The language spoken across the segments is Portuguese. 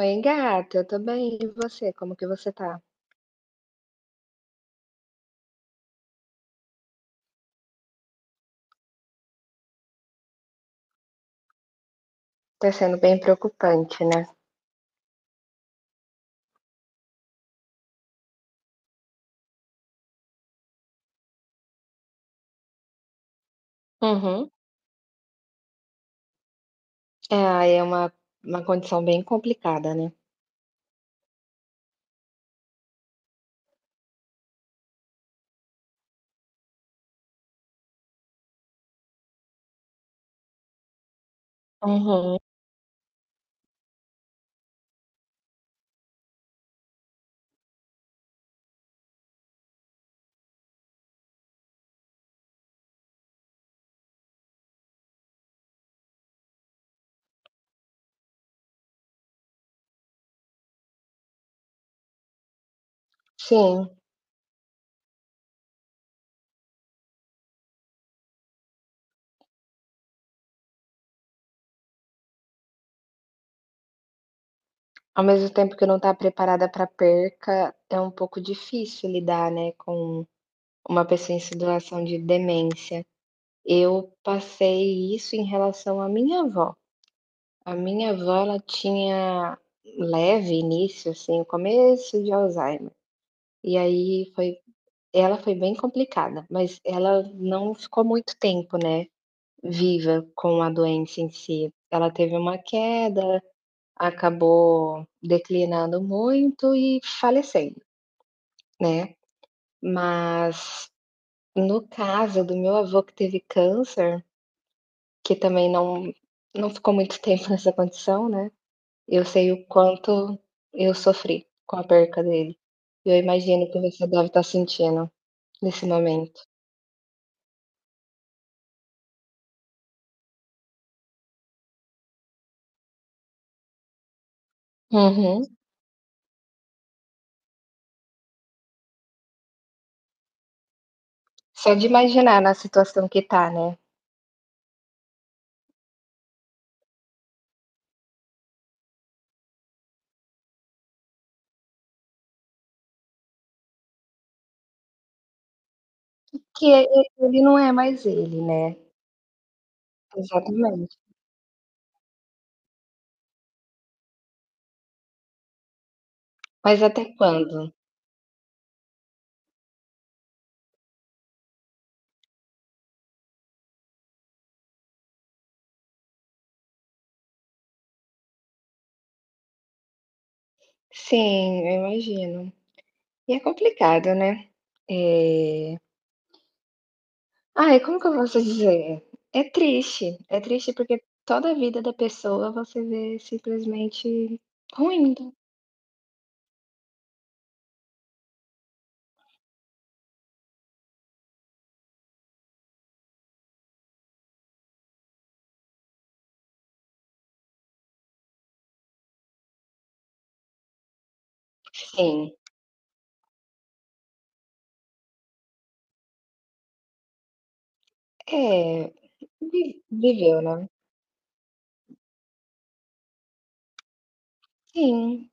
Oi, gata, eu tô bem. E você? Como que você tá? Tá sendo bem preocupante, né? Uhum. É, aí é uma condição bem complicada, né? Uhum. Sim. Ao mesmo tempo que não tá preparada pra perca, é um pouco difícil lidar, né, com uma pessoa em situação de demência. Eu passei isso em relação à minha avó. A minha avó, ela tinha leve início, assim, o começo de Alzheimer. E aí foi Ela foi bem complicada, mas ela não ficou muito tempo, né, viva com a doença em si. Ela teve uma queda, acabou declinando muito e falecendo, né. Mas no caso do meu avô que teve câncer, que também não ficou muito tempo nessa condição, né, eu sei o quanto eu sofri com a perca dele. Eu imagino que você deve estar sentindo nesse momento. Uhum. Só de imaginar na situação que tá, né. Que ele não é mais ele, né. Exatamente. Mas até quando? Sim, eu imagino. E é complicado, né. Eh, ai, como que eu posso dizer? É triste porque toda a vida da pessoa você vê simplesmente ruindo. Sim, é, vi viveu, né. Sim,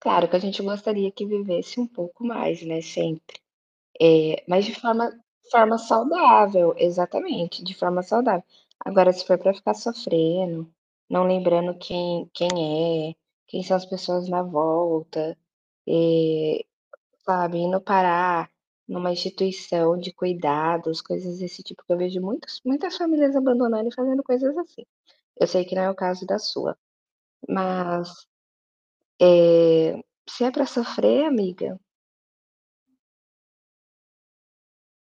claro que a gente gostaria que vivesse um pouco mais, né, sempre. Mas de forma saudável, exatamente, de forma saudável. Agora, se for pra ficar sofrendo, não lembrando quem é, quem são as pessoas na volta, eh, sabe, e parar numa instituição de cuidados, coisas desse tipo, que eu vejo muitos muitas famílias abandonando e fazendo coisas assim. Eu sei que não é o caso da sua, mas, eh, se é pra sofrer, amiga,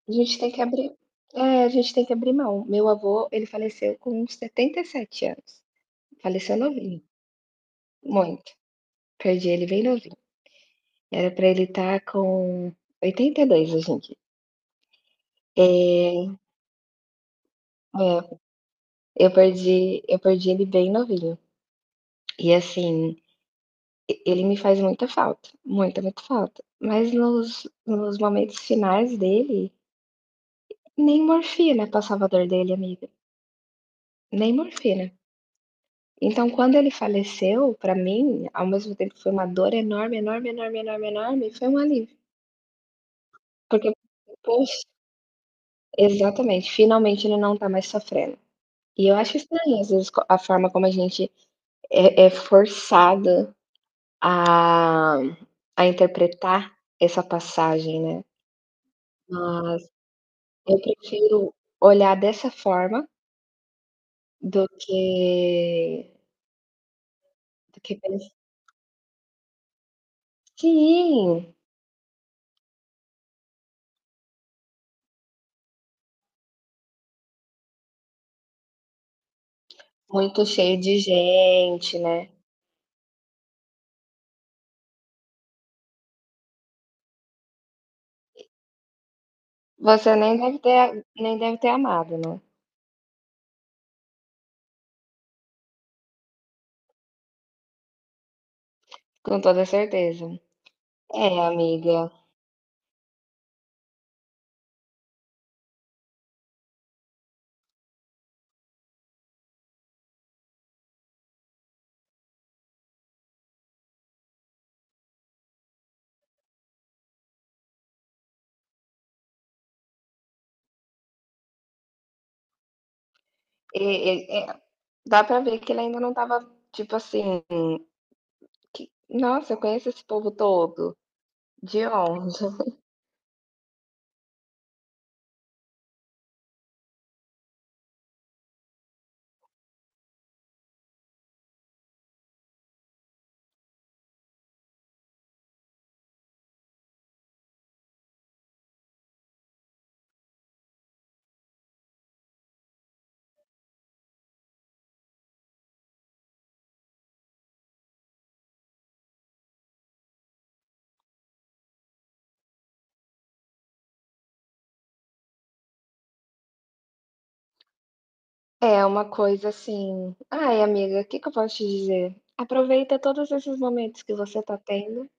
a gente tem que abrir a gente tem que abrir mão. Meu avô, ele faleceu com 77 anos. Faleceu novinho, muito. Perdi ele bem novinho. Era pra ele estar com 82 hoje em dia. Eh, é, eu perdi ele bem novinho. E assim, e ele me faz muita falta, muita, muita falta. Mas nos momentos finais dele, nem morfina passava a dor dele, amiga, nem morfina. Então, quando ele faleceu, pra mim, ao mesmo tempo que foi uma dor enorme, enorme, enorme, enorme, enorme, foi um alívio. Porque, poxa Exatamente, finalmente ele não tá mais sofrendo. E eu acho estranho, às vezes, co a forma como a gente é forçado a interpretar essa passagem, né. Mas eu prefiro olhar dessa forma. Do que do que pens Sim, muito cheio de gente, né. Você nem deve ter amado, né, com toda certeza. É, amiga, e e é dá pra ver que ele ainda não estava, tipo assim, que "Nossa, eu conheço esse povo todo, de onde?". É uma coisa assim: "Ai, amiga, o que que eu posso te dizer? Aproveita todos esses momentos que você tá tendo,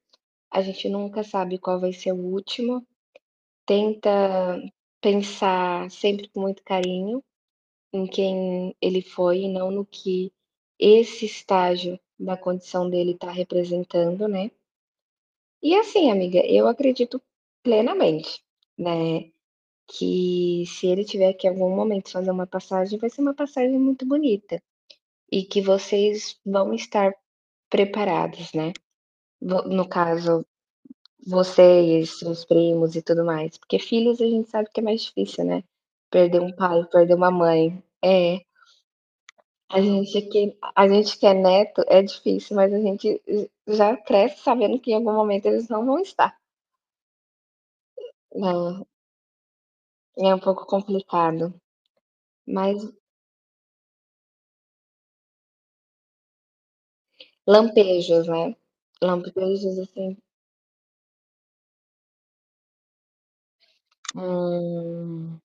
a gente nunca sabe qual vai ser o último. Tenta pensar sempre com muito carinho em quem ele foi e não no que esse estágio da condição dele está representando, né". E assim, amiga, eu acredito plenamente, né, que se ele tiver que em algum momento fazer uma passagem, vai ser uma passagem muito bonita e que vocês vão estar preparados, né. Vo no caso, vocês, seus primos e tudo mais, porque filhos a gente sabe que é mais difícil, né. Perder um pai, perder uma mãe. É, a gente que é neto é difícil, mas a gente já cresce sabendo que em algum momento eles não vão estar, né. É um pouco complicado, mas lampejos, né. Lampejos assim. Hum.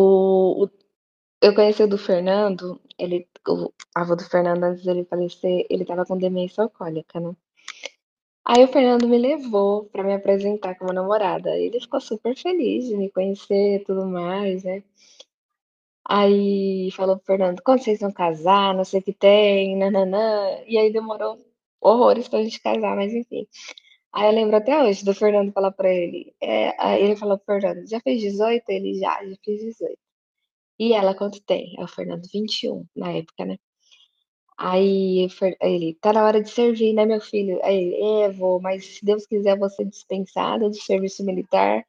O o eu conheci o do Fernando, ele, o avô do Fernando, antes dele falecer, ele estava com demência alcoólica, né. Aí o Fernando me levou pra me apresentar como namorada, ele ficou super feliz de me conhecer e tudo mais, né. Aí falou para o Fernando: "Quando vocês vão casar, não sei o que tem, nananã". E aí demorou horrores pra gente casar, mas enfim. Aí eu lembro até hoje do Fernando falar pra ele, aí ele falou para o Fernando: "Já fez 18?" Ele: "Já, já fiz 18". E ela quanto tem? Aí o Fernando 21 na época, né. Aí o Fer aí ele: "Tá na hora de servir, né, meu filho?" Aí ele: "É, vô, mas se Deus quiser você ser dispensado do serviço militar,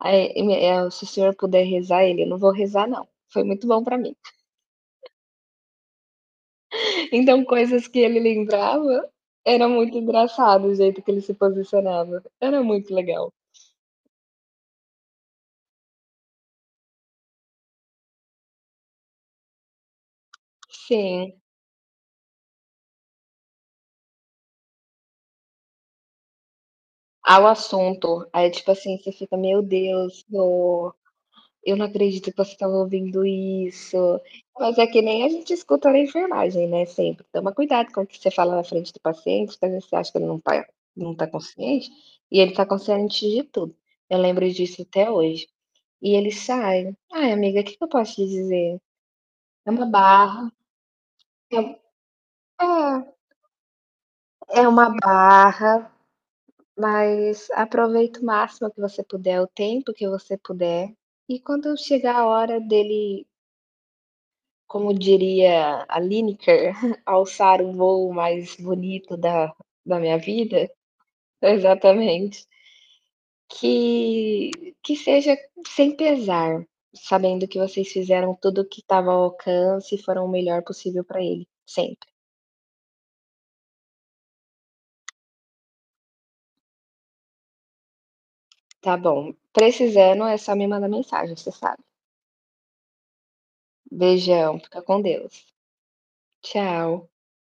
aí e me eh, se o senhor puder rezar". Ele: "Eu não vou rezar não, foi muito bom pra mim". Então, coisas que ele lembrava, era muito engraçado o jeito que ele se posicionava, era muito legal. Sim, ao assunto, aí tipo assim, você fica: "Meu Deus, vô, eu não acredito que você estava ouvindo isso". Mas é que nem a gente escuta na enfermagem, né, sempre. Toma cuidado com o que você fala na frente do paciente, porque às vezes você acha que ele não tá consciente, e ele tá consciente de tudo. Eu lembro disso até hoje. E ele sai: "Ai, amiga, o que que eu posso te dizer? É uma barra, é um é, é, uma barra, mas aproveita o máximo que você puder, o tempo que você puder, e quando chegar a hora dele, como diria a Lineker, alçar o voo mais bonito da minha vida. Exatamente. Que que seja sem pesar, sabendo que vocês fizeram tudo o que estava ao alcance e foram o melhor possível para ele, sempre. Tá bom, precisando é só me mandar mensagem, você sabe. Beijão, fica com Deus. Tchau.